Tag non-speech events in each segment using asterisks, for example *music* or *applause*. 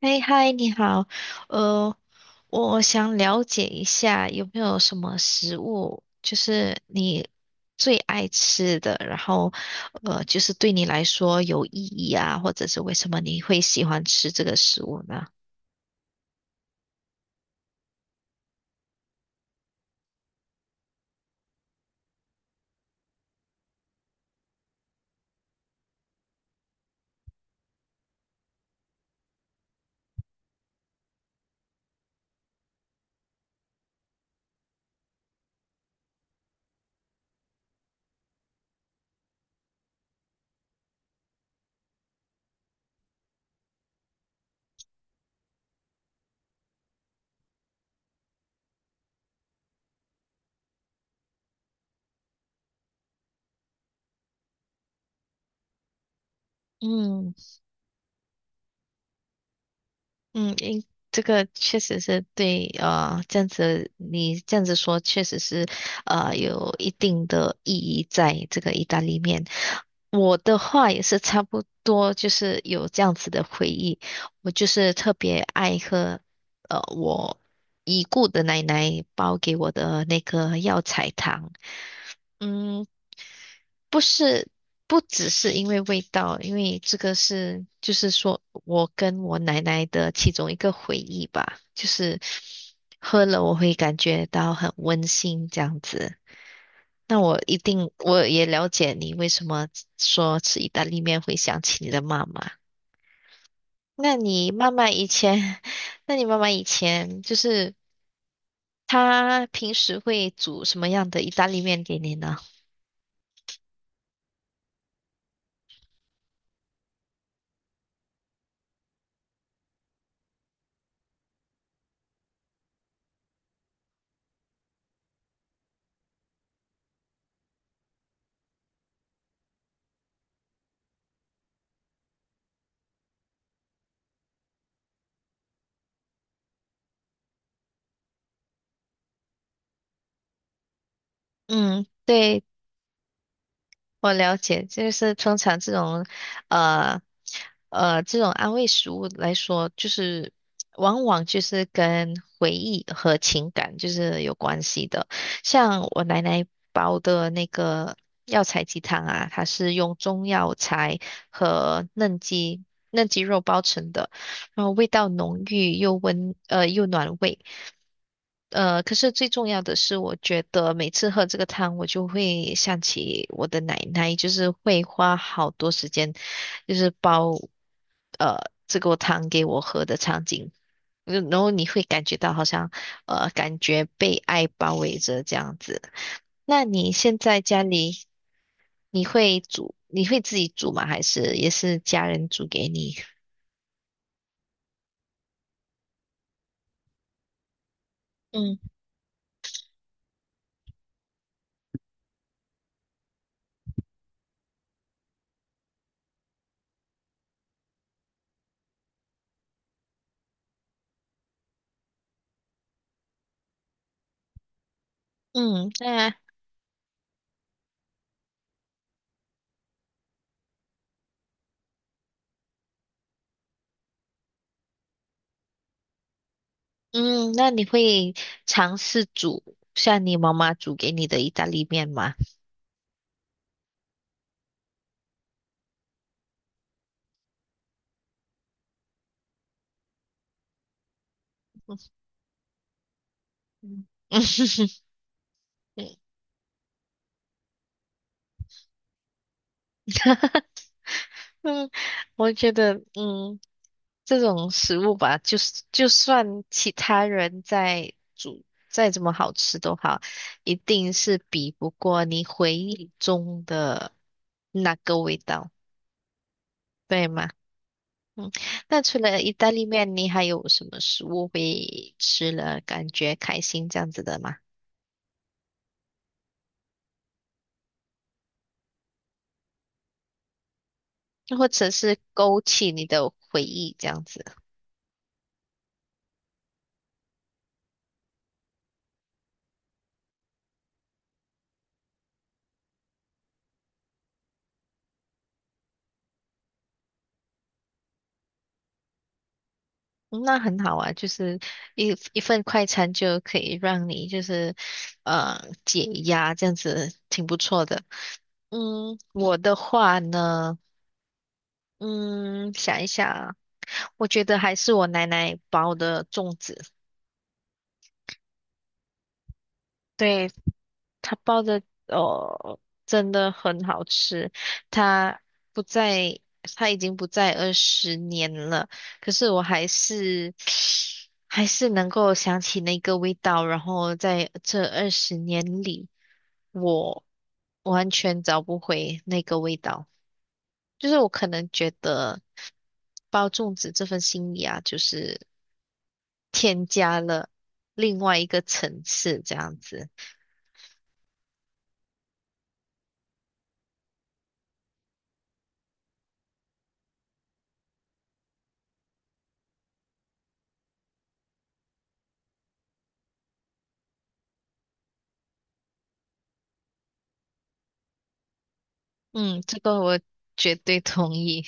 哎，嗨，你好，呃，我想了解一下有没有什么食物，就是你最爱吃的，就是对你来说有意义啊，或者是为什么你会喜欢吃这个食物呢？嗯嗯，诶这个确实是对，这样子你这样子说，确实是，有一定的意义在这个意大利面。我的话也是差不多，就是有这样子的回忆。我就是特别爱喝，我已故的奶奶包给我的那个药材汤。嗯，不是，不只是因为味道，因为这个是，就是说我跟我奶奶的其中一个回忆吧，就是喝了我会感觉到很温馨这样子。那我一定，我也了解你为什么说吃意大利面会想起你的妈妈。那你妈妈以前，*laughs* 那你妈妈以前就是她平时会煮什么样的意大利面给你呢？嗯，对。我了解，就是通常这种，呃，这种安慰食物来说，就是往往就是跟回忆和情感就是有关系的。像我奶奶煲的那个药材鸡汤啊，它是用中药材和嫩鸡肉包成的，然后味道浓郁又温，又暖胃。呃，可是最重要的是，我觉得每次喝这个汤，我就会想起我的奶奶，就是会花好多时间，就是煲呃这个汤给我喝的场景。嗯然后你会感觉到好像感觉被爱包围着这样子。那你现在家里你会自己煮吗？还是也是家人煮给你？嗯。嗯，那嗯，那你会尝试煮像你妈妈煮给你的意大利面吗？嗯 *laughs* 嗯，我觉得这种食物吧，就是就算其他人在煮再怎么好吃都好，一定是比不过你回忆中的那个味道，对吗？嗯，那除了意大利面，你还有什么食物会吃了感觉开心这样子的吗？或者是勾起你的回忆这样子，嗯那很好啊。就是一份快餐就可以让你就是解压，这样子挺不错的。嗯，我的话呢，嗯，想一想啊，我觉得还是我奶奶包的粽子。对，它包的哦，真的很好吃。它不在，它已经不在二十年了，可是我还是 *sucks teeth* 还是能够想起那个味道。然后在这二十年里，我完全找不回那个味道。就是我可能觉得包粽子这份心意啊，就是添加了另外一个层次这样子。嗯，这个我绝对同意。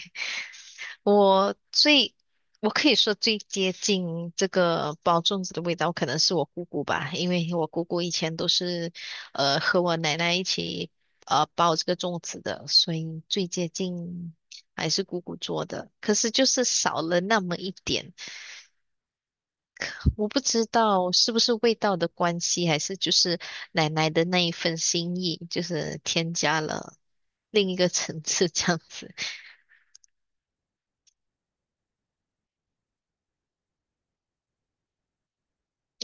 我最，我可以说最接近这个包粽子的味道，可能是我姑姑吧，因为我姑姑以前都是，和我奶奶一起，包这个粽子的，所以最接近还是姑姑做的。可是就是少了那么一点，我不知道是不是味道的关系，还是就是奶奶的那一份心意，就是添加了另一个层次这样子。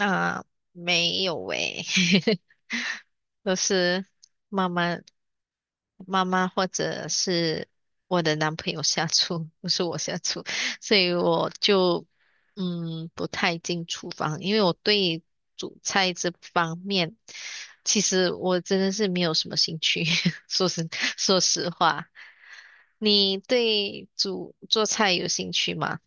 啊，没有诶，*laughs* 都是妈妈、妈妈或者是我的男朋友下厨，不是我下厨，所以我就嗯不太进厨房，因为我对煮菜这方面，其实我真的是没有什么兴趣，*laughs* 说实说实话，你对煮做菜有兴趣吗？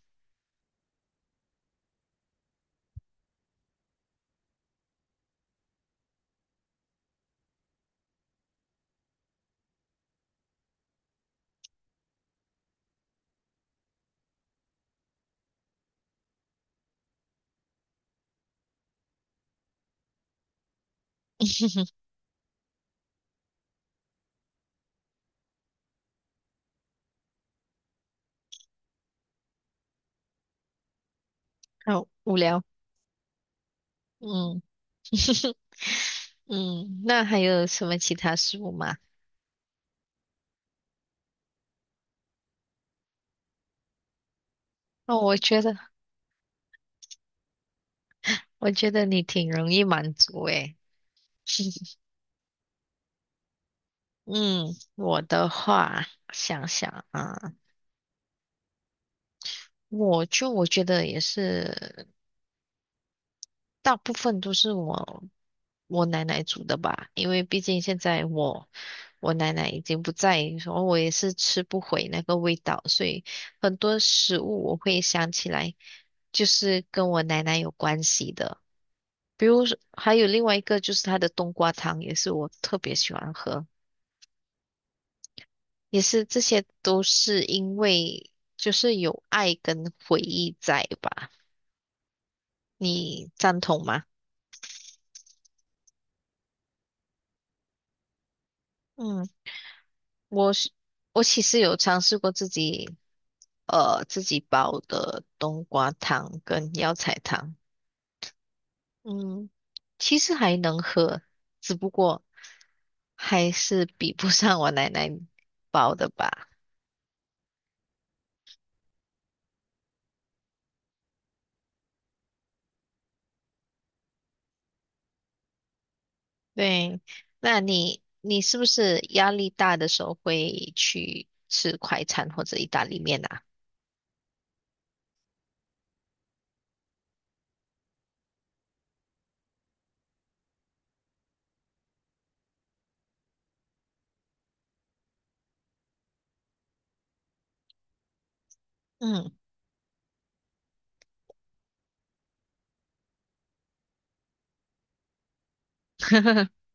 好无聊，嗯。嗯，那还有什么其他食物吗？哦，我觉得你挺容易满足诶。嗯，我的话，想想啊，我觉得也是，大部分都是我奶奶煮的吧，因为毕竟现在我奶奶已经不在，然后我也是吃不回那个味道，所以很多食物我会想起来，就是跟我奶奶有关系的。比如说还有另外一个就是它的冬瓜汤，也是我特别喜欢喝，也是这些都是因为就是有爱跟回忆在吧，你赞同吗？嗯，我是我其实有尝试过自己自己煲的冬瓜汤跟药材汤，嗯，其实还能喝，只不过还是比不上我奶奶煲的吧。对，那你是不是压力大的时候会去吃快餐或者意大利面啊？嗯，*laughs*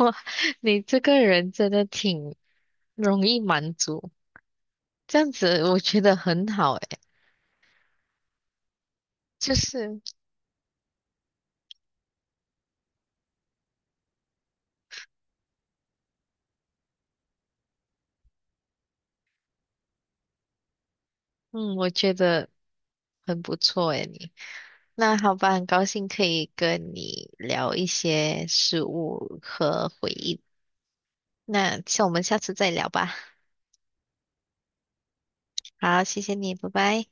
哇，你这个人真的挺容易满足，这样子我觉得很好诶，就是嗯，我觉得很不错诶，你。那好吧，很高兴可以跟你聊一些事物和回忆。那像我们下次再聊吧。好，谢谢你，拜拜。